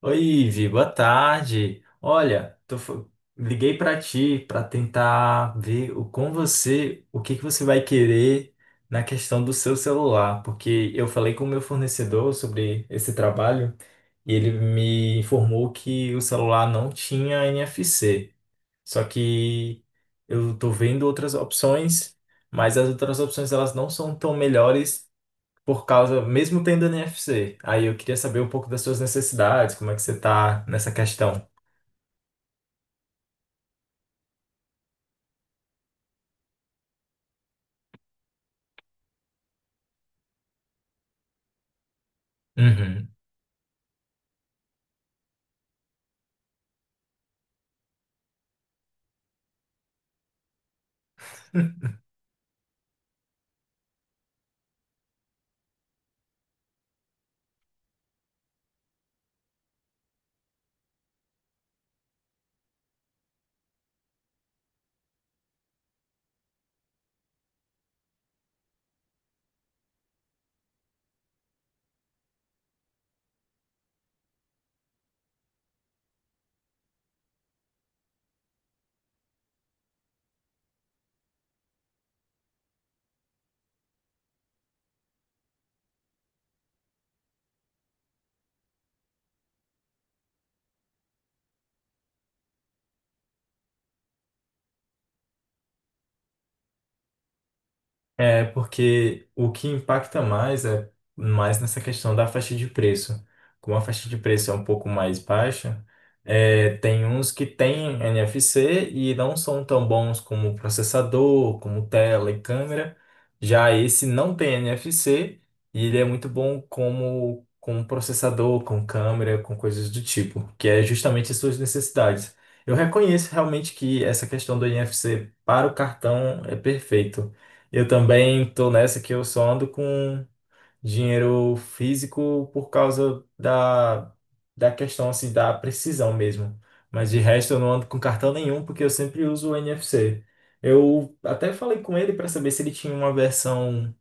Oi, Ivi, boa tarde. Olha, liguei para ti para tentar ver com você o que que você vai querer na questão do seu celular, porque eu falei com o meu fornecedor sobre esse trabalho e ele me informou que o celular não tinha NFC. Só que eu tô vendo outras opções, mas as outras opções elas não são tão melhores por causa, mesmo tendo NFC. Aí eu queria saber um pouco das suas necessidades, como é que você tá nessa questão. Uhum. É, porque o que impacta mais é mais nessa questão da faixa de preço. Como a faixa de preço é um pouco mais baixa, é, tem uns que têm NFC e não são tão bons como processador, como tela e câmera. Já esse não tem NFC e ele é muito bom como, como processador, com câmera, com coisas do tipo, que é justamente as suas necessidades. Eu reconheço realmente que essa questão do NFC para o cartão é perfeito. Eu também tô nessa que eu só ando com dinheiro físico por causa da, da questão assim, da precisão mesmo. Mas de resto eu não ando com cartão nenhum porque eu sempre uso o NFC. Eu até falei com ele para saber se ele tinha uma versão,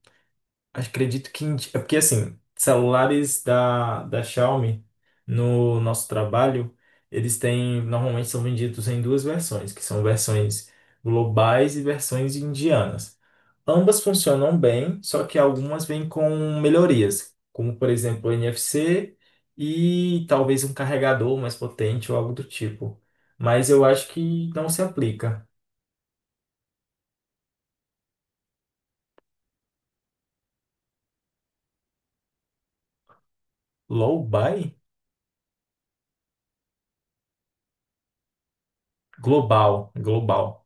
acredito que é porque assim, celulares da Xiaomi no nosso trabalho, eles têm normalmente são vendidos em duas versões, que são versões globais e versões indianas. Ambas funcionam bem, só que algumas vêm com melhorias, como por exemplo o NFC e talvez um carregador mais potente ou algo do tipo. Mas eu acho que não se aplica. Low buy? Global, global.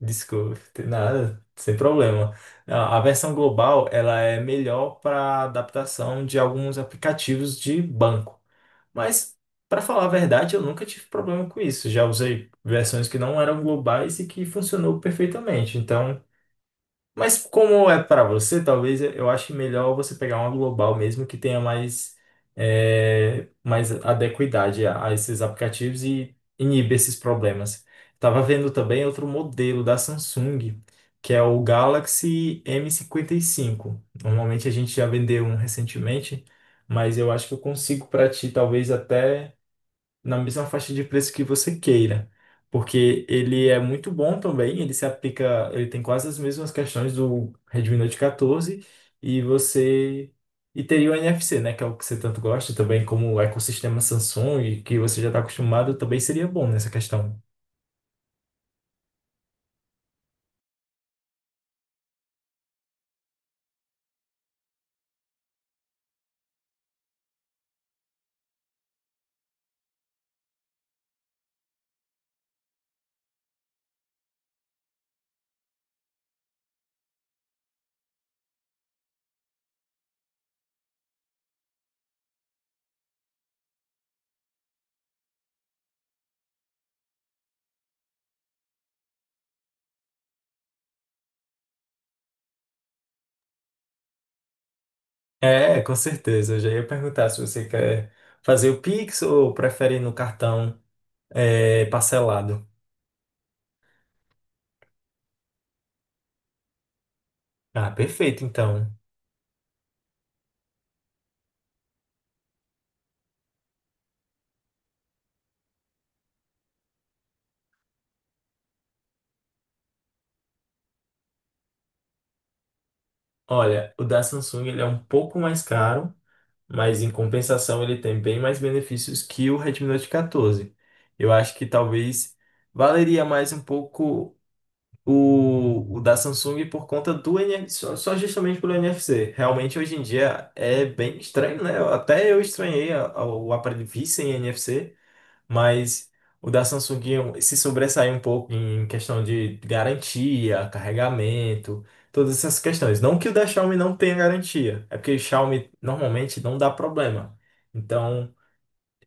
Desculpa, tem nada, sem problema. A versão global, ela é melhor para adaptação de alguns aplicativos de banco. Mas, para falar a verdade, eu nunca tive problema com isso. Já usei versões que não eram globais e que funcionou perfeitamente. Então, mas como é para você, talvez eu ache melhor você pegar uma global mesmo que tenha mais, é, mais adequidade a esses aplicativos e inibe esses problemas. Estava vendo também outro modelo da Samsung, que é o Galaxy M55. Normalmente a gente já vendeu um recentemente, mas eu acho que eu consigo para ti, talvez até na mesma faixa de preço que você queira, porque ele é muito bom também, ele se aplica, ele tem quase as mesmas questões do Redmi Note 14 e você e teria o NFC, né, que é o que você tanto gosta também, como o ecossistema Samsung, e que você já está acostumado, também seria bom nessa questão. É, com certeza. Eu já ia perguntar se você quer fazer o Pix ou prefere no cartão, é, parcelado. Ah, perfeito, então. Olha, o da Samsung ele é um pouco mais caro, mas em compensação ele tem bem mais benefícios que o Redmi Note 14. Eu acho que talvez valeria mais um pouco o da Samsung por conta do NFC, só justamente pelo NFC. Realmente hoje em dia é bem estranho, né? Até eu estranhei o aparelho vir sem NFC, mas o da Samsung se sobressai um pouco em questão de garantia, carregamento, todas essas questões. Não que o da Xiaomi não tenha garantia, é porque o Xiaomi normalmente não dá problema. Então,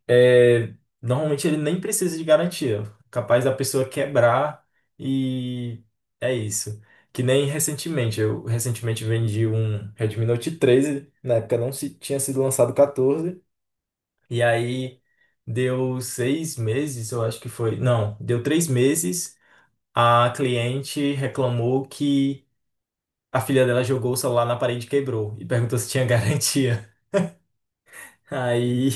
é, normalmente ele nem precisa de garantia. Capaz da pessoa quebrar e é isso. Que nem recentemente, eu recentemente vendi um Redmi Note 13, na época não se, tinha sido lançado o 14. E aí deu 6 meses, eu acho que foi. Não, deu 3 meses. A cliente reclamou que a filha dela jogou o celular na parede e quebrou. E perguntou se tinha garantia. Aí,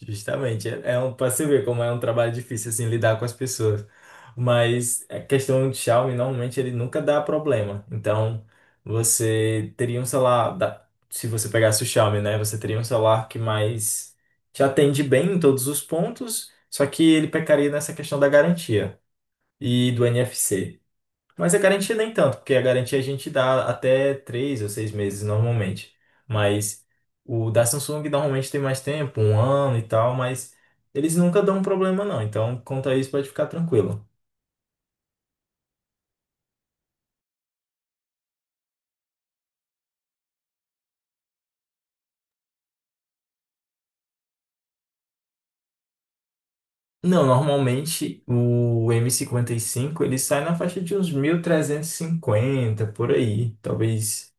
justamente, é um, para você ver como é um trabalho difícil assim lidar com as pessoas. Mas a questão de Xiaomi normalmente ele nunca dá problema. Então, você teria um celular se você pegasse o Xiaomi, né, você teria um celular que mais te atende bem em todos os pontos, só que ele pecaria nessa questão da garantia e do NFC. Mas a garantia nem tanto, porque a garantia a gente dá até 3 ou 6 meses normalmente. Mas o da Samsung normalmente tem mais tempo, um ano e tal, mas eles nunca dão problema não. Então, quanto a isso, pode ficar tranquilo. Não, normalmente o M55 ele sai na faixa de uns 1.350 por aí, talvez.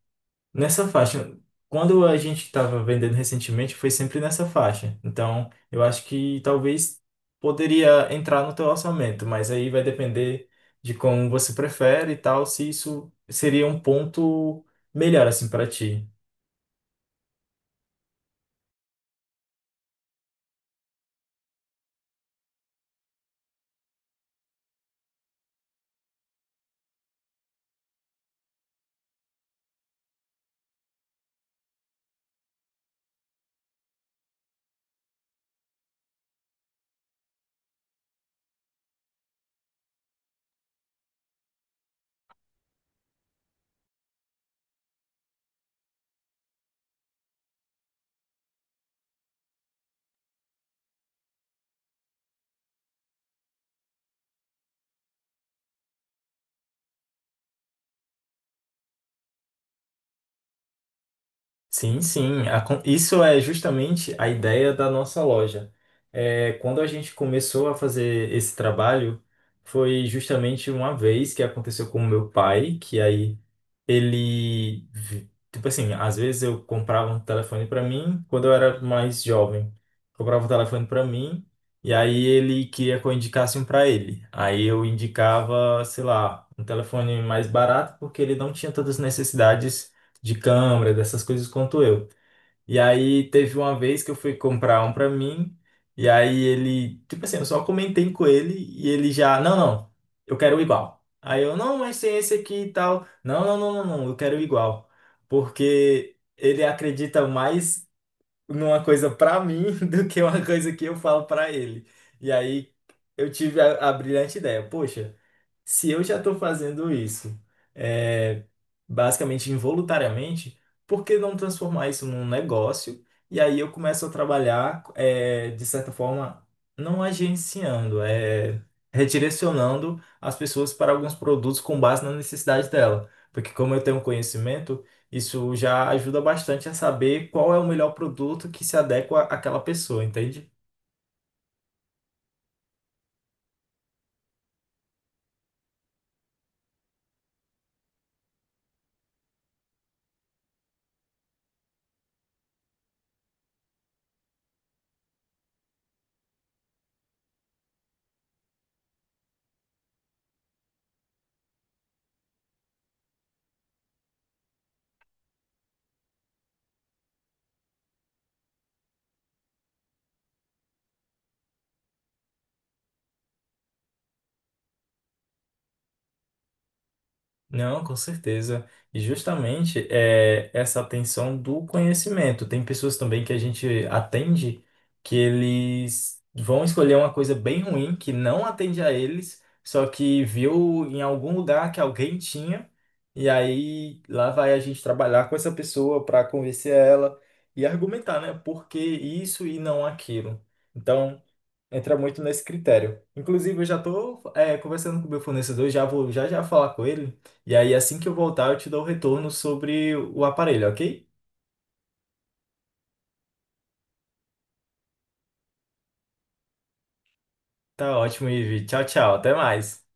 Nessa faixa, quando a gente estava vendendo recentemente, foi sempre nessa faixa. Então, eu acho que talvez poderia entrar no teu orçamento, mas aí vai depender de como você prefere e tal, se isso seria um ponto melhor assim para ti. Sim, sim. Isso é justamente a ideia da nossa loja. É, quando a gente começou a fazer esse trabalho, foi justamente uma vez que aconteceu com o meu pai, que aí ele, tipo assim, às vezes eu comprava um telefone pra mim quando eu era mais jovem. Comprava um telefone pra mim e aí ele queria que eu indicasse um pra ele. Aí eu indicava, sei lá, um telefone mais barato porque ele não tinha todas as necessidades de câmera, dessas coisas quanto eu. E aí teve uma vez que eu fui comprar um pra mim, e aí ele, tipo assim, eu só comentei com ele e ele já, não, não, eu quero igual. Aí eu, não, mas tem esse aqui e tal. Não, não, não, não, não, eu quero igual. Porque ele acredita mais numa coisa pra mim do que uma coisa que eu falo pra ele. E aí eu tive a brilhante ideia, poxa, se eu já estou fazendo isso, é, basicamente involuntariamente, por que não transformar isso num negócio? E aí eu começo a trabalhar, é, de certa forma, não agenciando, é, redirecionando as pessoas para alguns produtos com base na necessidade dela. Porque como eu tenho conhecimento, isso já ajuda bastante a saber qual é o melhor produto que se adequa àquela pessoa, entende? Não, com certeza. E justamente é essa atenção do conhecimento. Tem pessoas também que a gente atende que eles vão escolher uma coisa bem ruim que não atende a eles, só que viu em algum lugar que alguém tinha, e aí lá vai a gente trabalhar com essa pessoa para convencer ela e argumentar, né? Por que isso e não aquilo. Então entra muito nesse critério. Inclusive, eu já tô, é, conversando com o meu fornecedor, já vou já já falar com ele. E aí, assim que eu voltar, eu te dou o retorno sobre o aparelho, ok? Tá ótimo, Ivi. Tchau, tchau. Até mais.